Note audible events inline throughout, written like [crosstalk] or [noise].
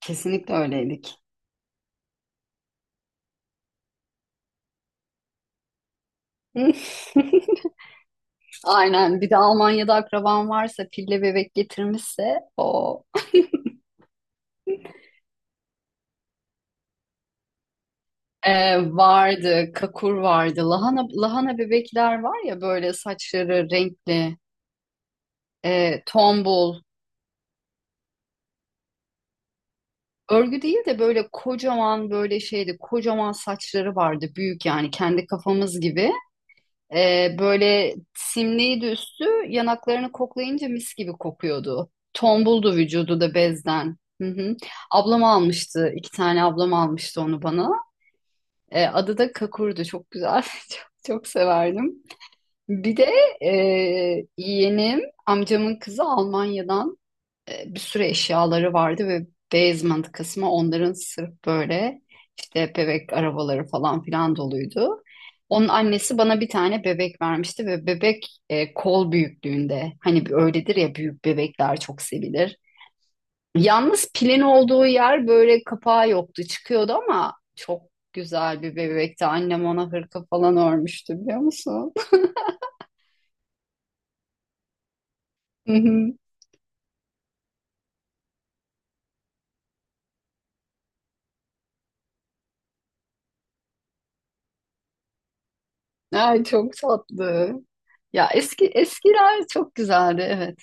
Kesinlikle öyleydik. [laughs] Aynen. Bir de Almanya'da akraban varsa, pille bebek getirmişse o vardı, kakur vardı. Lahana lahana bebekler var ya böyle saçları renkli, tombul. Örgü değil de böyle kocaman böyle şeydi, kocaman saçları vardı, büyük yani kendi kafamız gibi. Böyle simliydi üstü, yanaklarını koklayınca mis gibi kokuyordu. Tombuldu vücudu da bezden. Hı hı. Ablam almıştı, iki tane ablam almıştı onu bana. Adı da Kakur'du, çok güzel, [laughs] çok, çok severdim. Bir de e, yeğenim, amcamın kızı Almanya'dan bir sürü eşyaları vardı ve basement kısmı onların sırf böyle işte bebek arabaları falan filan doluydu. Onun annesi bana bir tane bebek vermişti ve bebek kol büyüklüğünde. Hani bir öyledir ya büyük bebekler çok sevilir. Yalnız pilin olduğu yer böyle kapağı yoktu çıkıyordu ama çok güzel bir bebekti. Annem ona hırka falan örmüştü biliyor musun? [laughs] Hı hı. Ay çok tatlı. Ya eski eskiler çok güzeldi evet.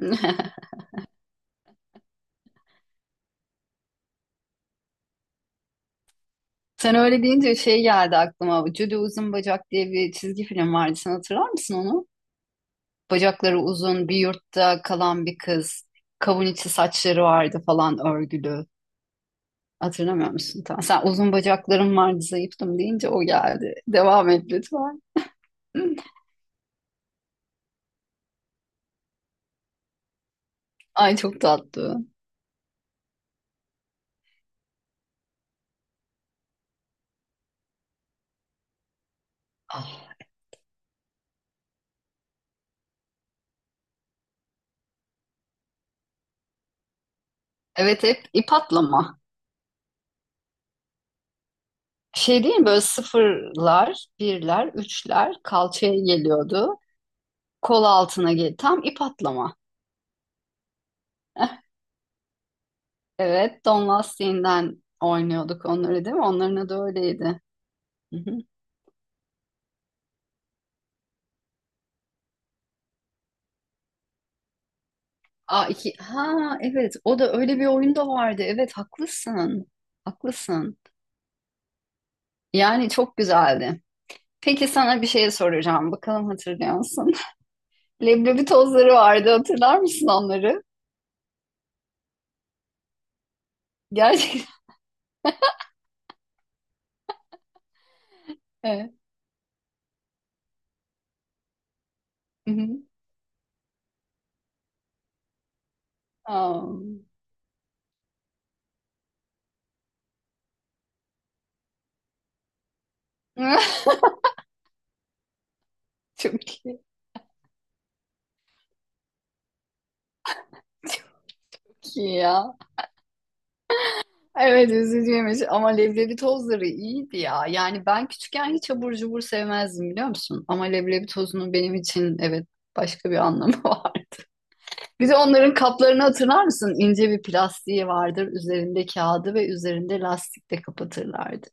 [laughs] Sen öyle deyince şey geldi aklıma. Judy Uzun Bacak diye bir çizgi film vardı. Sen hatırlar mısın onu? Bacakları uzun, bir yurtta kalan bir kız. Kavun içi saçları vardı falan örgülü. Hatırlamıyor musun? Tamam. Sen uzun bacaklarım vardı, zayıftım deyince o geldi. Devam et lütfen. [laughs] Ay çok tatlı. Ah. Evet hep ip atlama. Şey değil mi böyle sıfırlar, birler, üçler kalçaya geliyordu. Kol altına gel. Tam ip atlama. [laughs] Evet, Don Lastiği'nden oynuyorduk onları değil mi? Onların adı öyleydi. Hı hı. Aa, iki... Ha evet o da öyle bir oyun da vardı. Evet haklısın. Haklısın. Yani çok güzeldi. Peki sana bir şey soracağım. Bakalım hatırlıyor musun? [laughs] Leblebi tozları vardı. Hatırlar mısın onları? Gerçekten. [laughs] Evet. Hı hı. Aa. [laughs] Çok iyi, çok iyi ya. Evet üzücüymüş ama leblebi tozları iyiydi ya. Yani ben küçükken hiç abur cubur sevmezdim biliyor musun? Ama leblebi tozunun benim için evet başka bir anlamı [laughs] var. Bir de onların kaplarını hatırlar mısın? İnce bir plastiği vardır. Üzerinde kağıdı ve üzerinde lastikle kapatırlardı.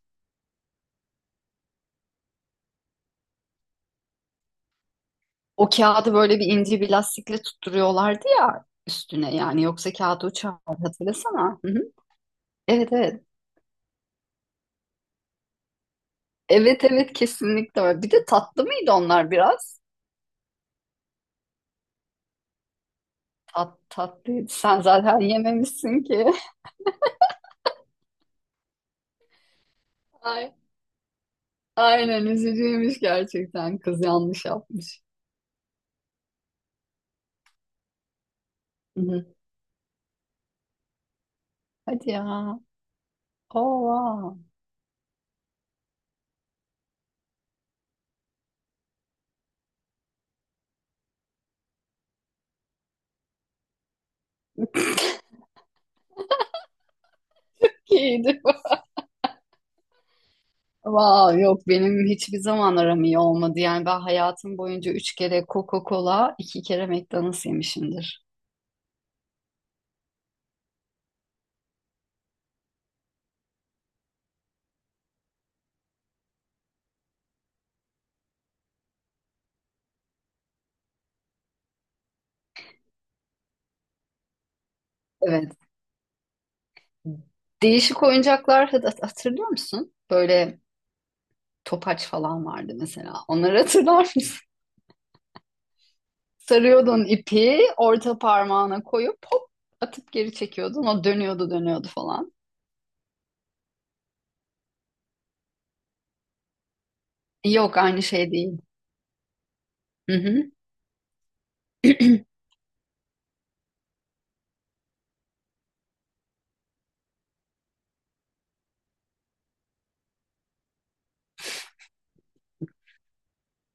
O kağıdı böyle bir ince bir lastikle tutturuyorlardı ya üstüne yani yoksa kağıdı uçardı hatırlasana. Hı hı. Evet evet. Evet evet kesinlikle öyle. Bir de tatlı mıydı onlar biraz? Tatlıydı. Sen zaten yememişsin ki. [laughs] Ay. Aynen üzücüymüş gerçekten. Kız yanlış yapmış. Hı hı. Hadi ya. Oo, wow. İyiydi. [laughs] Wow, yok benim hiçbir zaman aram iyi olmadı. Yani ben hayatım boyunca üç kere Coca-Cola, iki kere McDonald's yemişimdir. Evet. Değişik oyuncaklar hatırlıyor musun? Böyle topaç falan vardı mesela. Onları hatırlar Sarıyordun ipi, orta parmağına koyup hop atıp geri çekiyordun. O dönüyordu dönüyordu falan. Yok aynı şey değil. Hı hı.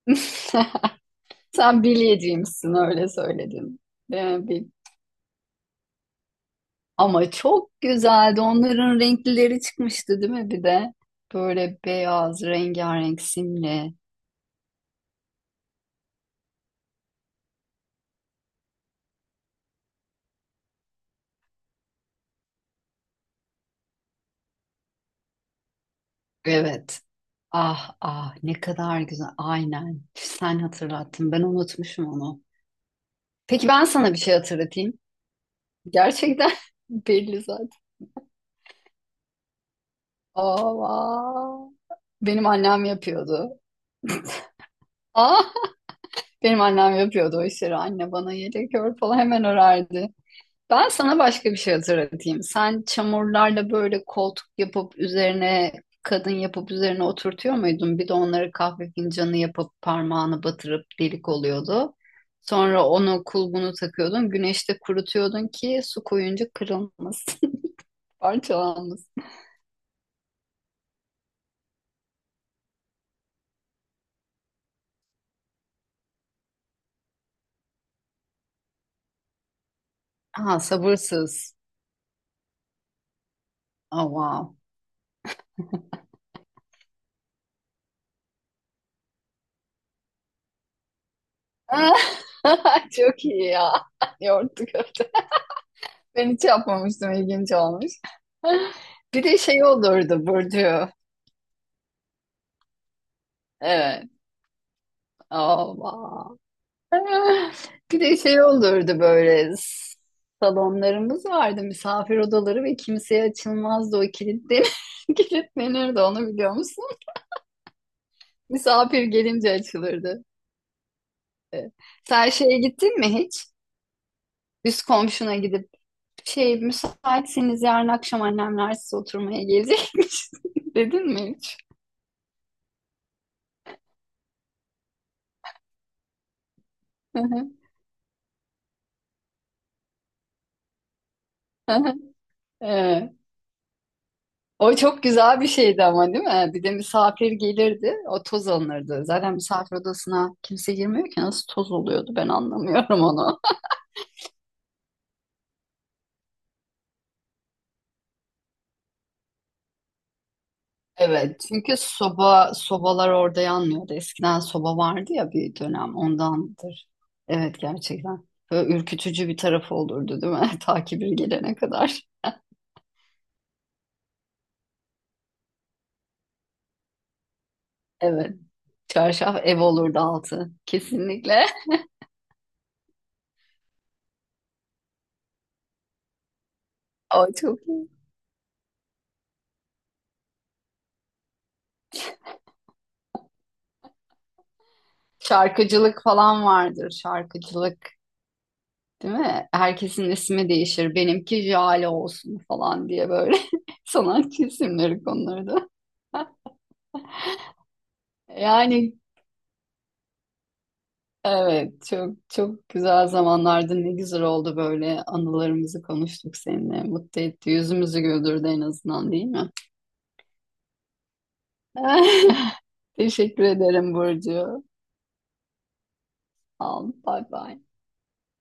[laughs] Sen bilyeciymişsin öyle söyledim. Ee, bil- Ama çok güzeldi. Onların renklileri çıkmıştı değil mi bir de? Böyle beyaz, rengarenk simli. Evet. Ah ah ne kadar güzel. Aynen. Sen hatırlattın. Ben unutmuşum onu. Peki ben sana bir şey hatırlatayım. Gerçekten [laughs] belli zaten. Aa, benim annem yapıyordu. Aa, [laughs] benim annem yapıyordu o işleri. Anne bana yelek ör falan hemen örerdi. Ben sana başka bir şey hatırlatayım. Sen çamurlarla böyle koltuk yapıp üzerine kadın yapıp üzerine oturtuyor muydun? Bir de onları kahve fincanı yapıp parmağını batırıp delik oluyordu. Sonra onu kulbunu takıyordun. Güneşte kurutuyordun ki su koyunca kırılmasın, [laughs] parçalanmasın. Ha sabırsız. Oh, wow. [laughs] Çok iyi ya. [laughs] Yoğurtlu köfte. Ben hiç yapmamıştım. İlginç olmuş. [laughs] Bir de şey olurdu burcu. Evet. Allah. [laughs] Bir de şey olurdu böyle salonlarımız vardı misafir odaları ve kimseye açılmazdı o kilitlenir, [laughs] kilitlenirdi onu biliyor musun? Misafir gelince açılırdı. Evet. Sen şeye gittin mi hiç? Üst komşuna gidip Şey, müsaitseniz yarın akşam annemler size oturmaya gelecekmiş. [laughs] Dedin mi hiç? [laughs] Hı Ee, o çok güzel bir şeydi ama değil mi? Bir de misafir gelirdi, o toz alınırdı. Zaten misafir odasına kimse girmiyor ki nasıl toz oluyordu ben anlamıyorum onu. [laughs] Evet, çünkü sobalar orada yanmıyordu. Eskiden soba vardı ya bir dönem ondandır. Evet gerçekten. Böyle ürkütücü bir tarafı olurdu değil mi? [laughs] Ta bir gelene kadar. Evet. Çarşaf ev olurdu altı. Kesinlikle. [laughs] O çok iyi. Şarkıcılık falan vardır. Şarkıcılık, değil mi? Herkesin ismi değişir. Benimki Jale olsun falan diye böyle [laughs] sanatçı isimleri konulurdu. Yani evet çok çok güzel zamanlardı. Ne güzel oldu böyle anılarımızı konuştuk seninle. Mutlu etti. Yüzümüzü güldürdü en azından değil mi? [laughs] Teşekkür ederim Burcu. Al, bye bye.